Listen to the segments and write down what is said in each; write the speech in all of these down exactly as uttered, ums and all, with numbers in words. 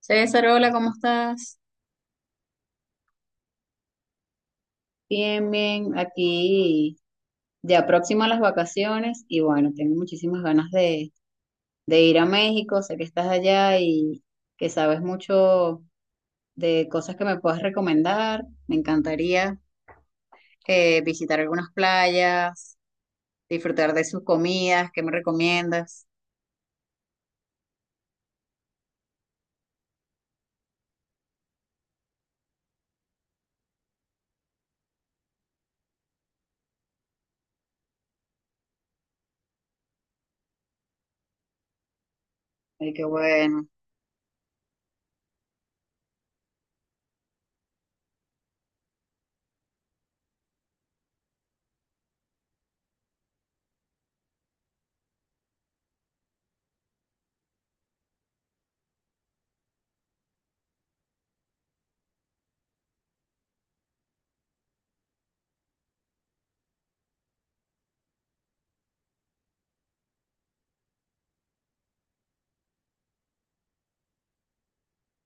César, hola, ¿cómo estás? Bien, bien, aquí ya próximo a las vacaciones y bueno, tengo muchísimas ganas de, de ir a México, sé que estás allá y que sabes mucho de cosas que me puedas recomendar. Me encantaría eh, visitar algunas playas, disfrutar de sus comidas, ¿qué me recomiendas? Ay, qué bueno.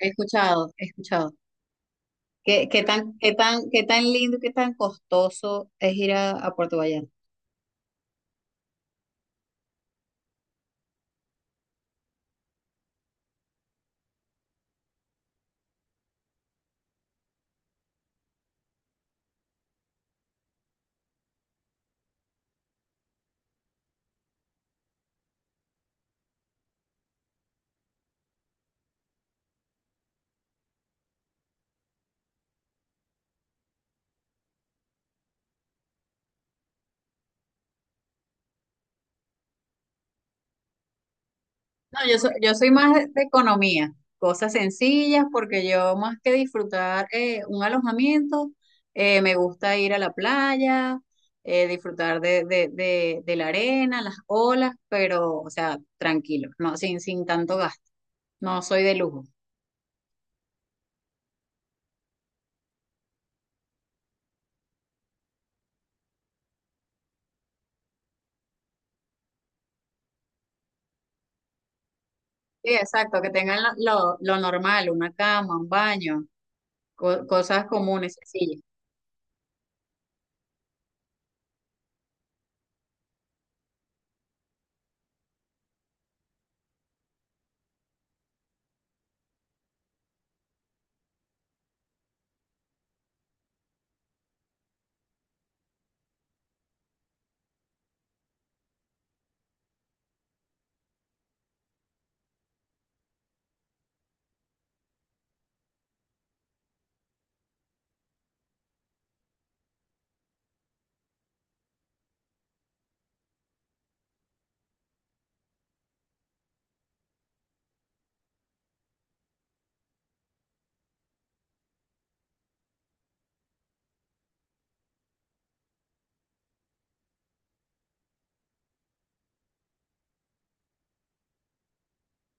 He escuchado, he escuchado. ¿Qué, qué tan, qué tan, qué tan lindo, qué tan costoso es ir a, a Puerto Vallarta? No, yo soy, yo soy más de de economía, cosas sencillas, porque yo más que disfrutar eh, un alojamiento, eh, me gusta ir a la playa, eh, disfrutar de, de, de, de la arena, las olas, pero, o sea, tranquilo, no, sin, sin tanto gasto. No soy de lujo. Sí, exacto, que tengan la- lo, lo normal, una cama, un baño, co- cosas comunes, sencillas,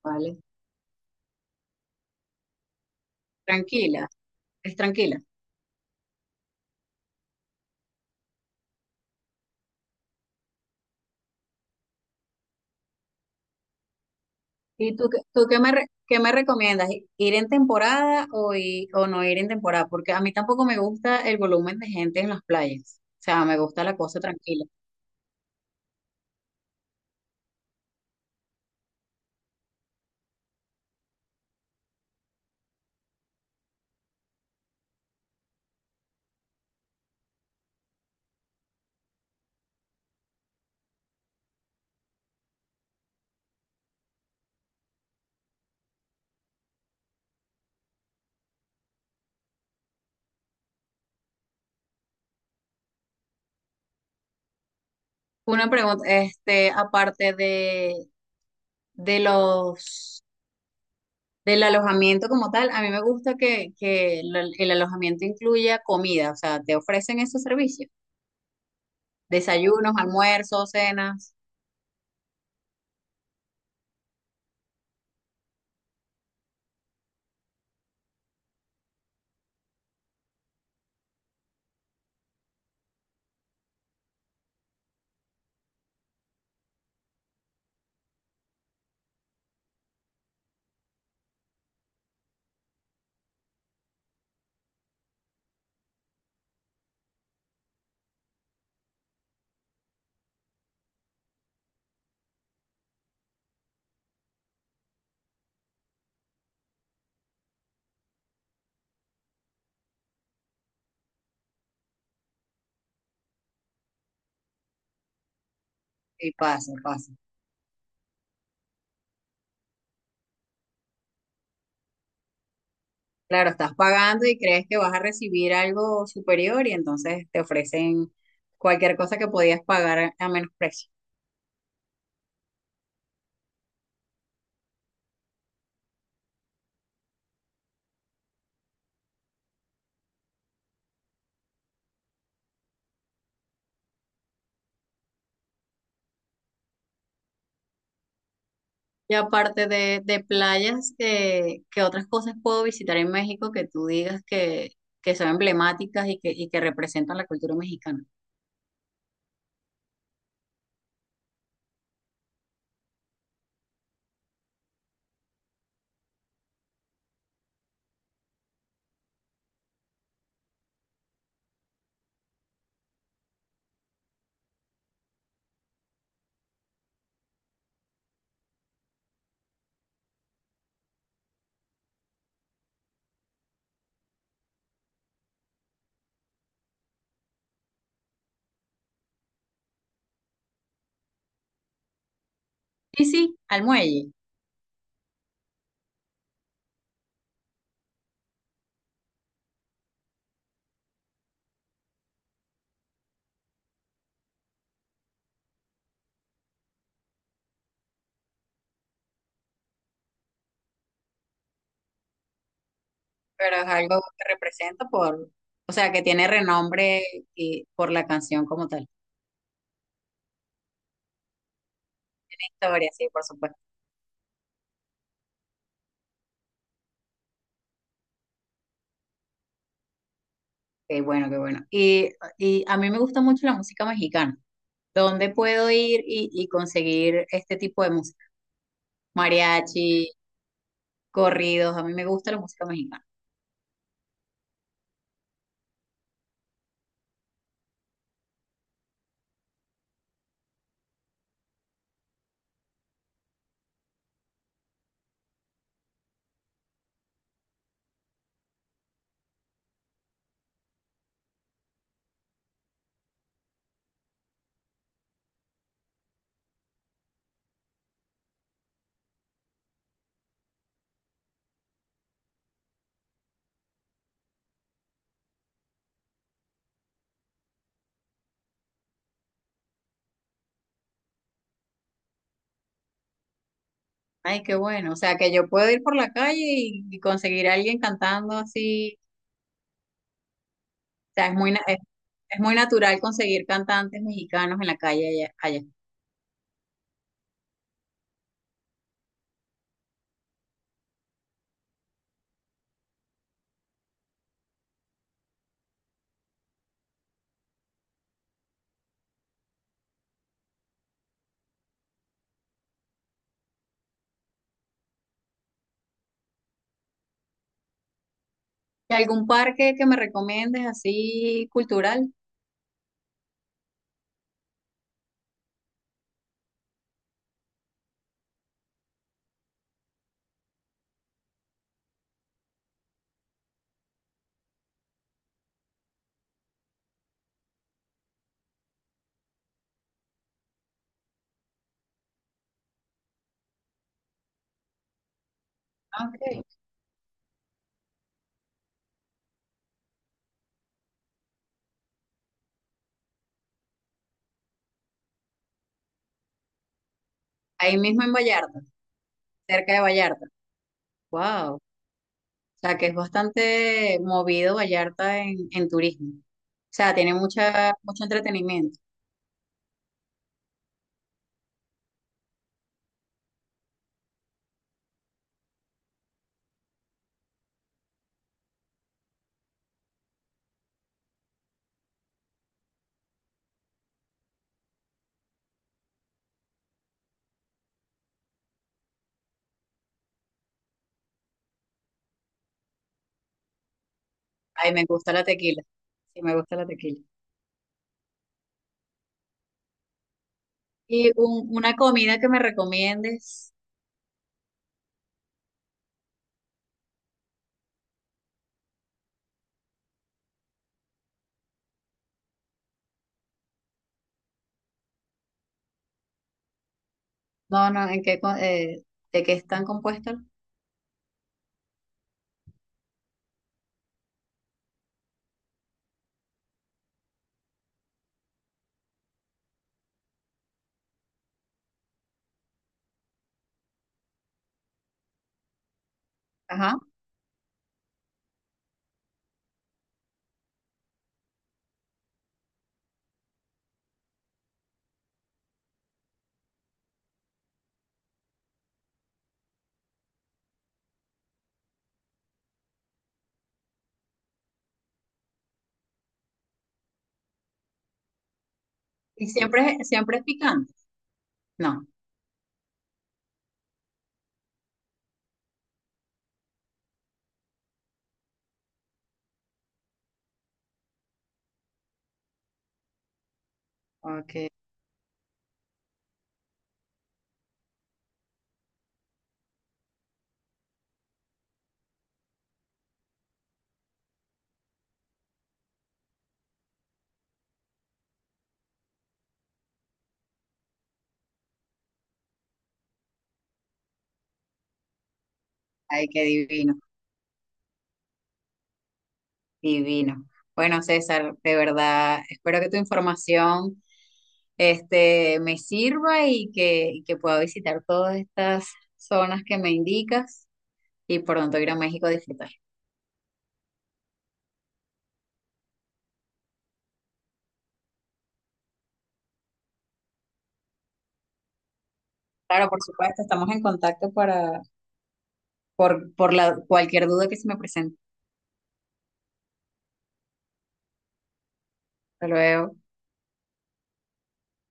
¿vale? Tranquila, es tranquila. ¿Y tú, qué- tú qué me, re- qué me recomiendas? ¿Ir en temporada o, i- o no ir en temporada? Porque a mí tampoco me gusta el volumen de gente en las playas. O sea, me gusta la cosa tranquila. Una pregunta, este, aparte de, de los, del alojamiento como tal, a mí me gusta que, que la- el alojamiento incluya comida. O sea, te ofrecen ese servicio. Desayunos, almuerzos, cenas y pasa, pasa. Claro, estás pagando y crees que vas a recibir algo superior y entonces te ofrecen cualquier cosa que podías pagar a a menos precio. Y aparte de, de playas, eh, ¿qué otras cosas puedo visitar en México que tú digas que, que son emblemáticas y que, y que representan la cultura mexicana? Sí, sí, al muelle, pero es algo que representa por, o sea, que tiene renombre y por la canción como tal. Historia, sí, por supuesto. Qué bueno, qué bueno. Y, y a mí me gusta mucho la música mexicana. ¿Dónde puedo ir y, y conseguir este tipo de música? Mariachi, corridos, a mí me gusta la música mexicana. Ay, qué bueno. O sea, que yo puedo ir por la calle y, y conseguir a alguien cantando así. O sea, es muy, na- es, es muy natural conseguir cantantes mexicanos en la calle allá, allá. ¿Y algún parque que me recomiendes así cultural? Ah, ok. Ahí mismo en Vallarta, cerca de Vallarta. Wow. Sea, que es bastante movido Vallarta en, en turismo. O sea, tiene mucha, mucho entretenimiento. Ay, me gusta la tequila. Sí, me gusta la tequila. Y un- una comida que me recomiendes. No, no, ¿en qué, co- eh, de qué están compuestos? Ajá. Y siempre, es- siempre es picante. No. Ok. Ay, qué divino. Divino. Bueno, César, de verdad, espero que tu información este, me sirva y que, y que pueda visitar todas estas zonas que me indicas y pronto ir a México a disfrutar. Claro, por supuesto, estamos en contacto para, por, por la, cualquier duda que se me presente. Hasta luego.